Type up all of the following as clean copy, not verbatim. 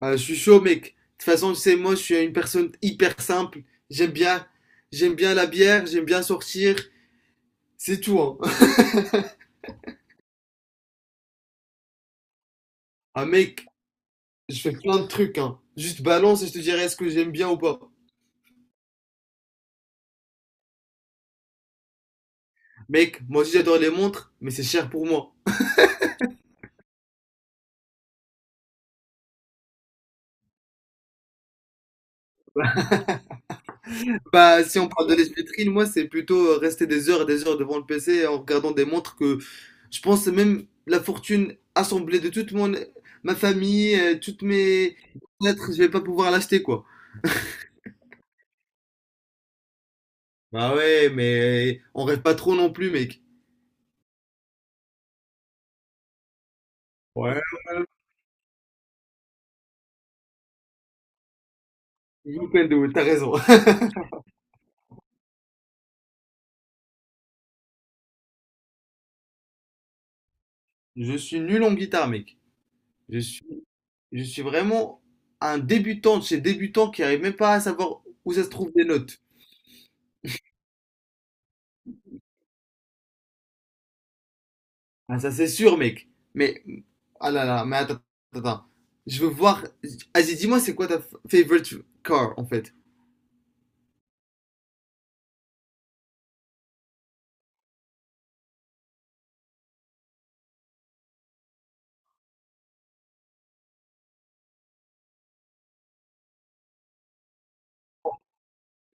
Ah, je suis chaud, mec. De toute façon, tu sais, moi, je suis une personne hyper simple. J'aime bien, j'aime bien la bière, j'aime bien sortir. C'est tout, hein. Ah, mec, je fais plein de trucs, hein. Juste balance et je te dirai est-ce que j'aime bien ou pas. Mec, moi aussi, j'adore les montres, mais c'est cher pour moi. Bah, si on parle de l'espiétrine, moi, c'est plutôt rester des heures et des heures devant le PC en regardant des montres que je pense même la fortune assemblée de toute ma famille, toutes mes lettres, je vais pas pouvoir l'acheter, quoi. Bah ouais, mais on rêve pas trop non plus, mec. Ouais, ouais, Nintendo, t'as raison. Je suis nul en guitare, mec. Je suis, je suis vraiment un débutant de chez débutant qui arrive même pas à savoir où ça se trouve des notes. Ah, ça c'est sûr, mec. Mais, ah là là, mais attends, attends, attends. Je veux voir. Vas-y, dis-moi, c'est quoi ta favorite car, en fait?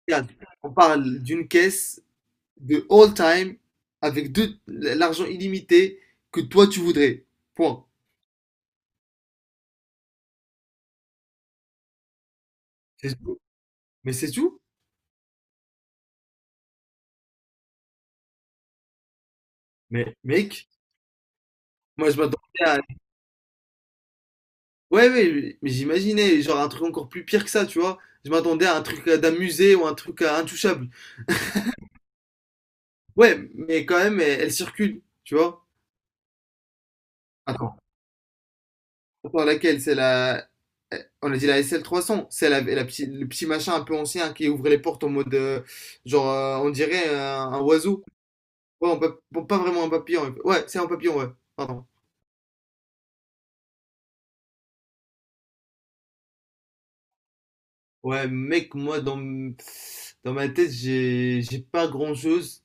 Regarde, on parle d'une caisse de all time avec de l'argent illimité que toi tu voudrais. Point. C'est tout. Mais c'est tout? Mais mec, moi je m'attendais à. Ouais, ouais, mais j'imaginais, genre un truc encore plus pire que ça, tu vois. Je m'attendais à un truc d'un musée ou un truc intouchable. Ouais, mais quand même, elle circule, tu vois. Attends, attends, laquelle? C'est la. eh, On a dit la sl cents. C'est le petit machin un peu ancien qui ouvrait les portes en mode. Genre, on dirait un oiseau. Ouais, on peut, bon, pas vraiment un papillon. Ouais, c'est un papillon, ouais. Pardon. Ouais, mec, moi, dans ma tête, j'ai pas grand-chose.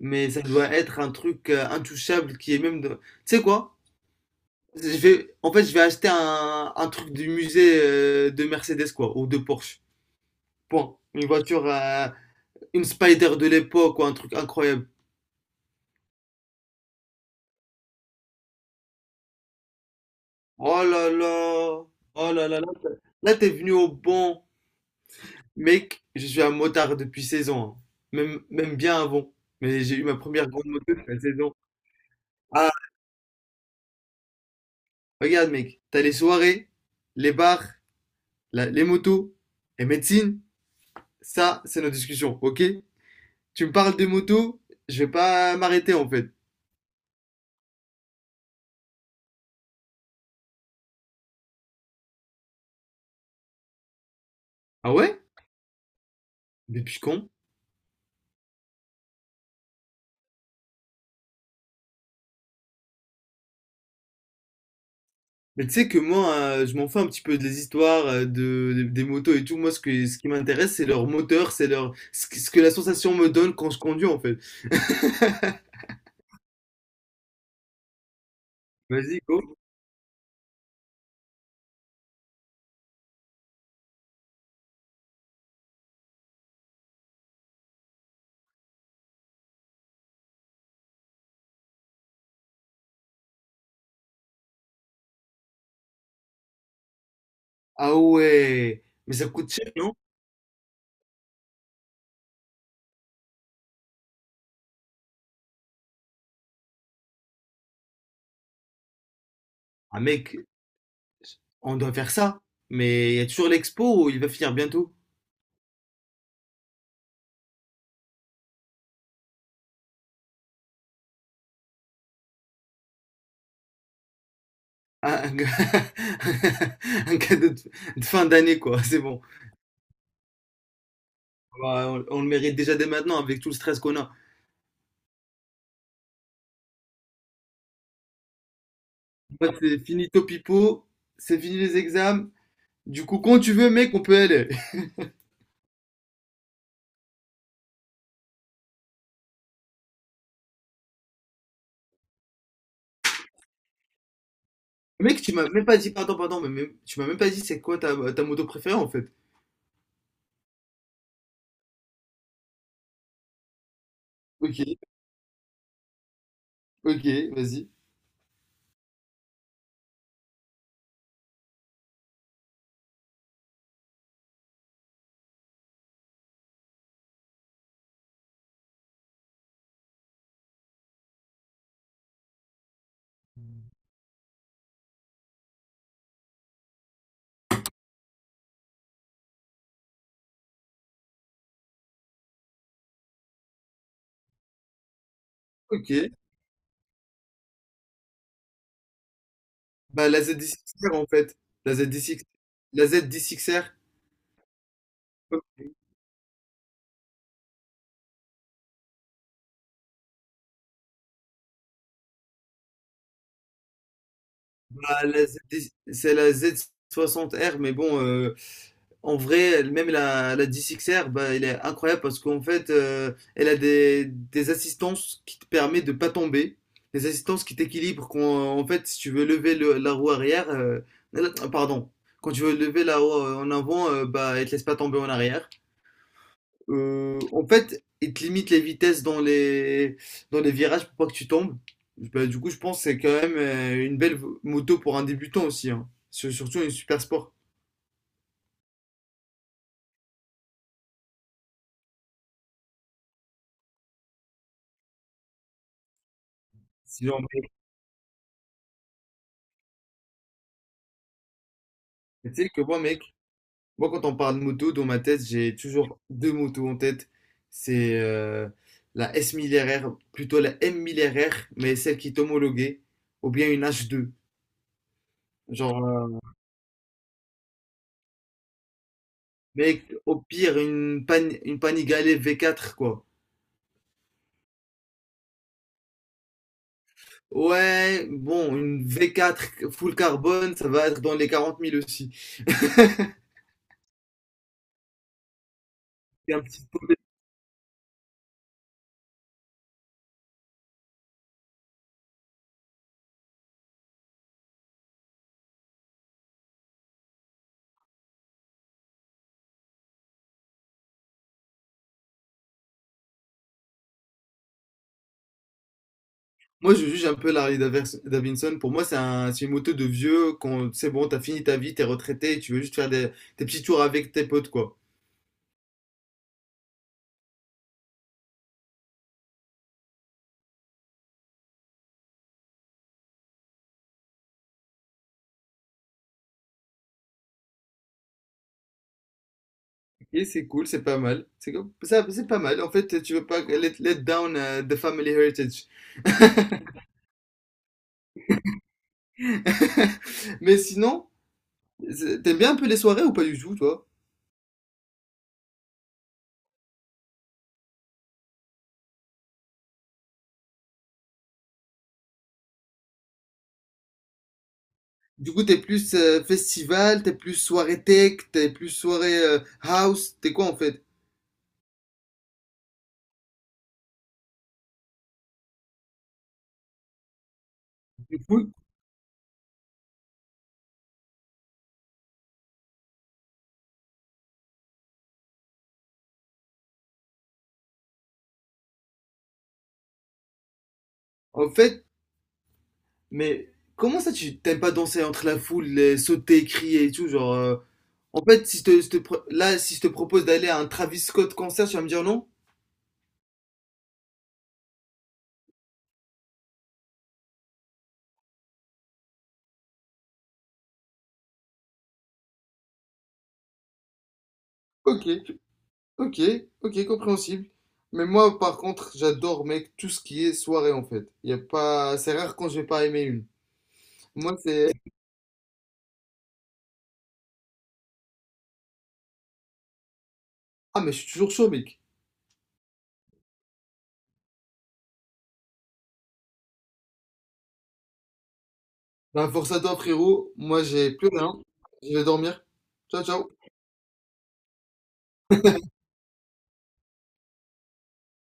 Mais ça doit être un truc intouchable qui est même. Tu sais quoi? En fait, je vais acheter un truc du musée de Mercedes, quoi. Ou de Porsche. Point. Une voiture. Une Spider de l'époque ou un truc incroyable. Oh là là! Oh là là là! Là, t'es venu au bon. Mec, je suis un motard depuis 16 ans, hein. Même, même bien avant. Mais j'ai eu ma première grande moto à 16 ans. Ah, regarde, mec. T'as les soirées, les bars, les motos et médecine. Ça, c'est notre discussion, ok? Tu me parles des motos, je vais pas m'arrêter en fait. Ah ouais? Depuis quand? Mais tu sais que moi, je m'en fous un petit peu des histoires des motos et tout. Moi, ce qui m'intéresse, c'est leur moteur, c'est leur, ce que la sensation me donne quand je conduis, en fait. Vas-y, go. Ah ouais. Mais ça coûte cher, non? Ah mec, on doit faire ça. Mais il y a toujours l'expo où il va finir bientôt. Ah, un cadeau de fin d'année, quoi. C'est bon. Bah, on le mérite déjà dès maintenant avec tout le stress qu'on a. Moi, c'est fini Topipo, c'est fini les examens. Du coup, quand tu veux, mec, on peut aller. Mec, tu m'as même pas dit, pardon, pardon, mais tu m'as même pas dit c'est quoi ta moto préférée en fait. Ok, ok, vas-y. Ok. Bah la ZD6R en fait. La ZD6, la ZD6R. Bah, c'est la Z60R, mais bon, en vrai, même la D6R, bah, elle est incroyable parce qu'en fait, elle a des assistances qui te permettent de pas tomber, des assistances qui t'équilibrent quand, en fait, si tu veux lever la roue arrière, pardon, quand tu veux lever la roue en avant, bah, elle te laisse pas tomber en arrière. En fait, il te limite les vitesses dans les virages pour pas que tu tombes. Bah, du coup, je pense que c'est quand même une belle moto pour un débutant aussi, hein. Surtout une super sport. Sinon, mais tu sais que moi, mec, moi, quand on parle de moto, dans ma tête, j'ai toujours deux motos en tête. C'est la S1000RR, plutôt la M1000RR, mais celle qui est homologuée, ou bien une H2. Genre, mec, au pire, une Panigale V4, quoi. Ouais, bon, une V4 full carbone, ça va être dans les 40 000 aussi. C'est un petit- Moi, je juge un peu l'Harley Davidson. Pour moi, c'est une moto de vieux. Quand c'est bon, t'as fini ta vie, t'es retraité, et tu veux juste faire des petits tours avec tes potes, quoi. Et c'est cool, c'est pas mal. C'est ça, c'est pas mal. En fait, tu veux pas let down the family heritage. Mais sinon, t'aimes bien un peu les soirées ou pas du tout, toi? Du coup, t'es plus festival, t'es plus soirée tech, t'es plus soirée house, t'es quoi en fait? Du coup, en fait, mais comment ça tu t'aimes pas danser entre la foule, les sauter, crier et tout, genre en fait, si je te, je te pro- là, si je te propose d'aller à un Travis Scott concert, tu vas me dire non? Ok, ok, ok, compréhensible. Mais moi, par contre, j'adore, mec, tout ce qui est soirée, en fait. Y a pas... C'est rare quand je vais pas aimer une. Moi, c'est. Ah, mais je suis toujours chaud, mec. Ben, force à toi, frérot. Moi, j'ai plus rien. Je vais dormir. Ciao, ciao.